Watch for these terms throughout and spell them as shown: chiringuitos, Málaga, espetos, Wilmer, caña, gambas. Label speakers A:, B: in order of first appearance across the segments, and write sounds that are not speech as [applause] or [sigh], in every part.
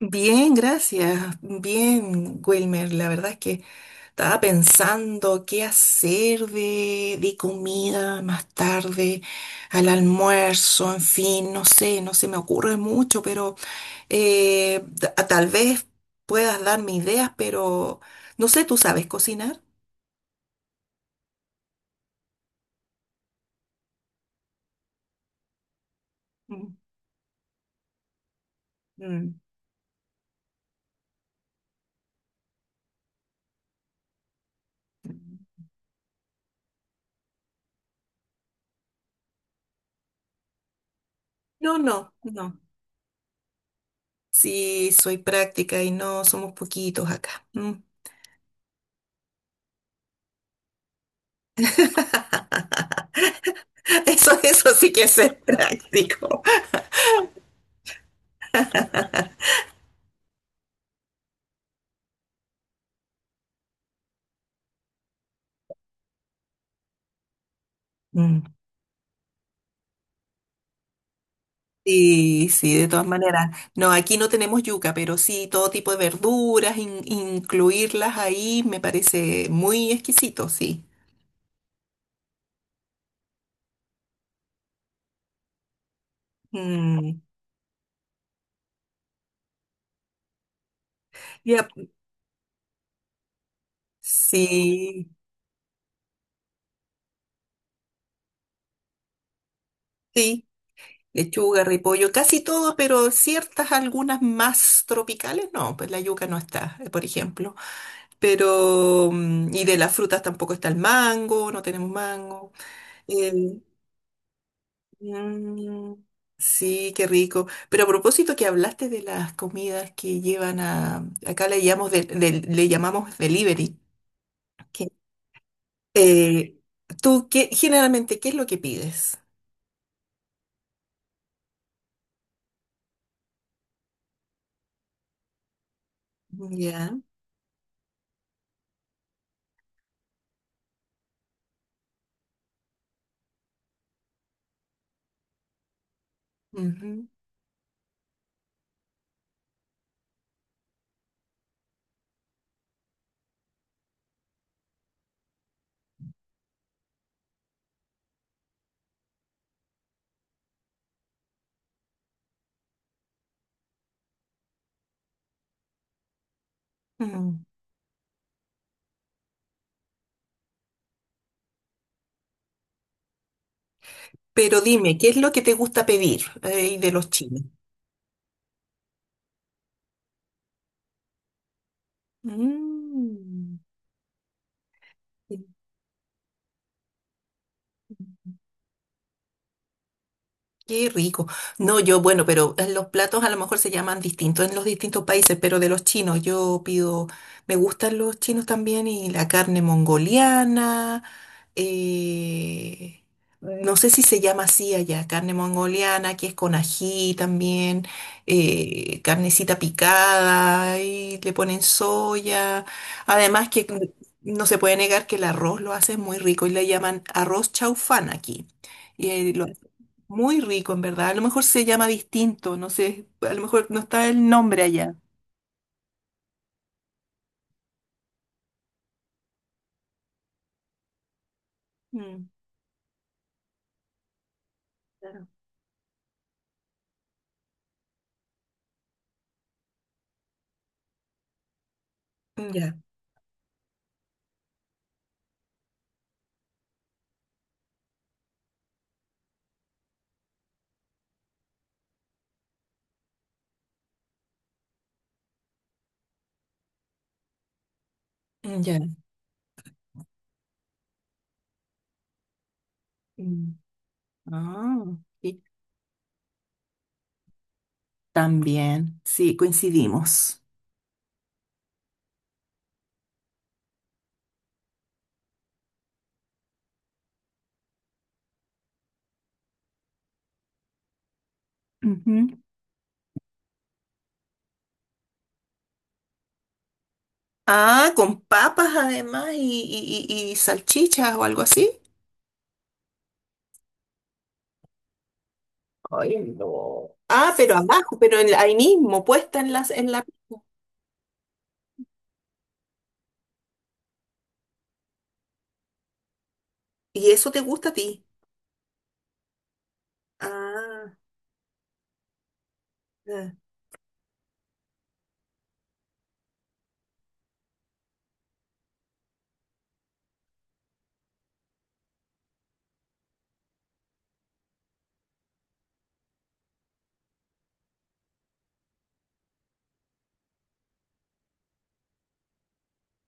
A: Bien, gracias. Bien, Wilmer. La verdad es que estaba pensando qué hacer de comida más tarde, al almuerzo, en fin, no sé, no se me ocurre mucho, pero tal vez puedas darme ideas, pero no sé, ¿tú sabes cocinar? Mm, mm. No, no, no. Sí, soy práctica y no somos poquitos acá. Mm. [laughs] Eso sí que es ser [laughs] práctico. Mm. Sí, sí, de todas maneras. No, aquí no tenemos yuca, pero sí todo tipo de verduras, incluirlas ahí me parece muy exquisito, sí. Mm, ya, sí, sí, lechuga, repollo, casi todo, pero ciertas algunas más tropicales, no, pues la yuca no está, por ejemplo. Pero, y de las frutas tampoco está el mango, no tenemos mango. Mm, sí, qué rico. Pero a propósito que hablaste de las comidas que llevan a, acá le llamamos, le llamamos delivery. Que, eh, ¿tú qué, generalmente qué es lo que pides? Ya. Ujú, mm. Pero dime, ¿qué es lo que te gusta pedir de los chinos? Mm, qué rico. No, yo, bueno, pero los platos a lo mejor se llaman distintos en los distintos países, pero de los chinos yo pido, me gustan los chinos también y la carne mongoliana, eh, no sé si se llama así allá, carne mongoliana, que es con ají también, carnecita picada, y le ponen soya. Además que no se puede negar que el arroz lo hace muy rico y le llaman arroz chaufán aquí. Y lo hacen muy rico, en verdad. A lo mejor se llama distinto, no sé, a lo mejor no está el nombre allá. Mm, claro. Ya, ya. Mm. Ah, sí. También, sí, coincidimos. Ujú. Ah, con papas además y salchichas o algo así. Ay, no. Ah, pero abajo, pero ahí mismo, puesta en las, en la... ¿Y eso te gusta a ti? Ah, ah,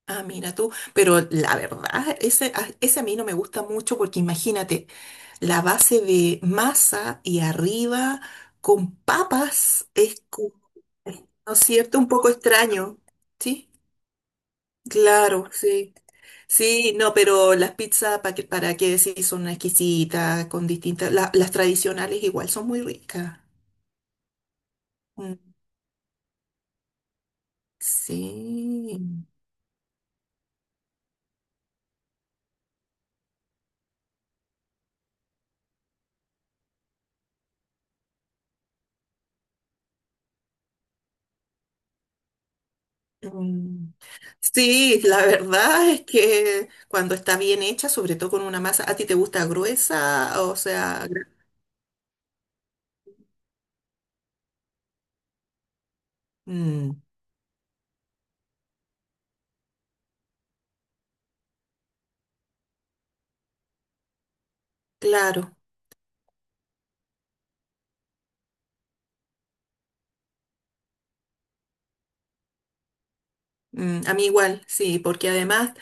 A: ah, mira tú. Pero la verdad, ese a mí no me gusta mucho porque imagínate, la base de masa y arriba con papas es, como... ¿No es cierto? Un poco extraño, ¿sí? Claro, sí. Sí, no, pero las pizzas, para qué decir? Son exquisitas, con distintas... las tradicionales igual son muy ricas. Mm, sí. Mm. Sí, la verdad es que cuando está bien hecha, sobre todo con una masa, ¿a ti te gusta gruesa? O sea, gra... Mm, claro. Mm, a mí igual, sí, porque además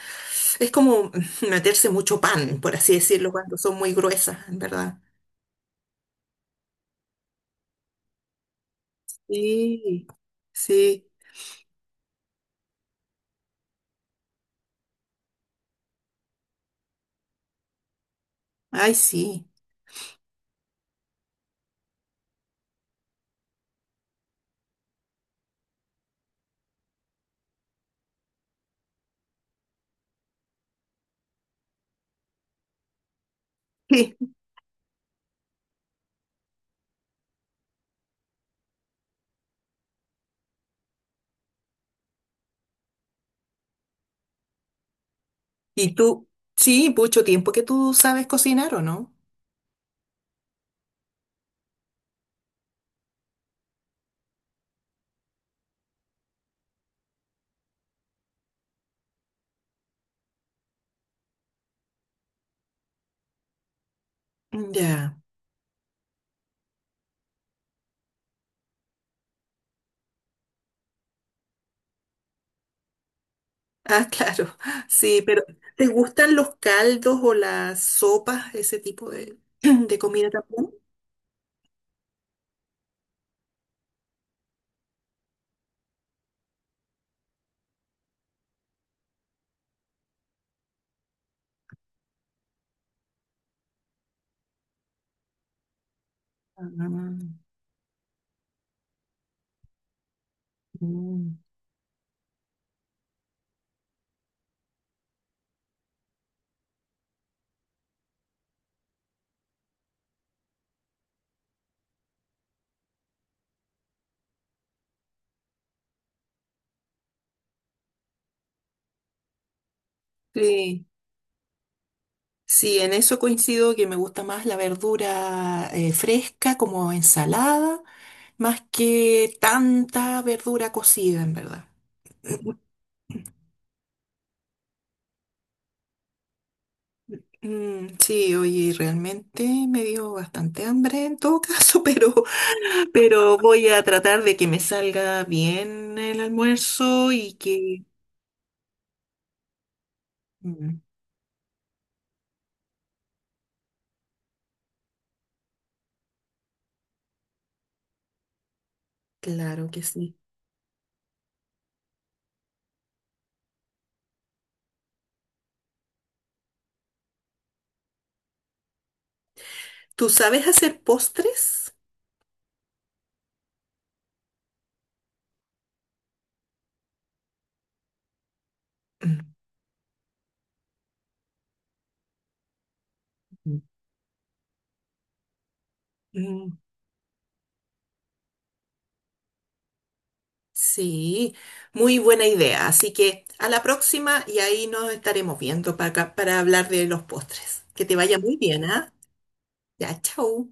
A: es como [laughs] meterse mucho pan, por así decirlo, cuando son muy gruesas, en verdad. Sí, sí. Ay, sí. [laughs] ¿Y tú? Sí, mucho tiempo que tú sabes cocinar, ¿o no? Ya. Ah, claro. [laughs] Sí, pero ¿te gustan los caldos o las sopas, ese tipo de, [clears throat] de comida también? Ah, mm. Sí. Sí, en eso coincido que me gusta más la verdura fresca como ensalada, más que tanta verdura cocida, en verdad. Mm, sí, oye, realmente me dio bastante hambre en todo caso, [laughs] pero voy a tratar de que me salga bien el almuerzo y que... Mm, claro que sí. ¿Tú sabes hacer postres? Mm, mm, sí, muy buena idea. Así que a la próxima y ahí nos estaremos viendo para hablar de los postres. Que te vaya muy bien, ¿ah? Ya, chao.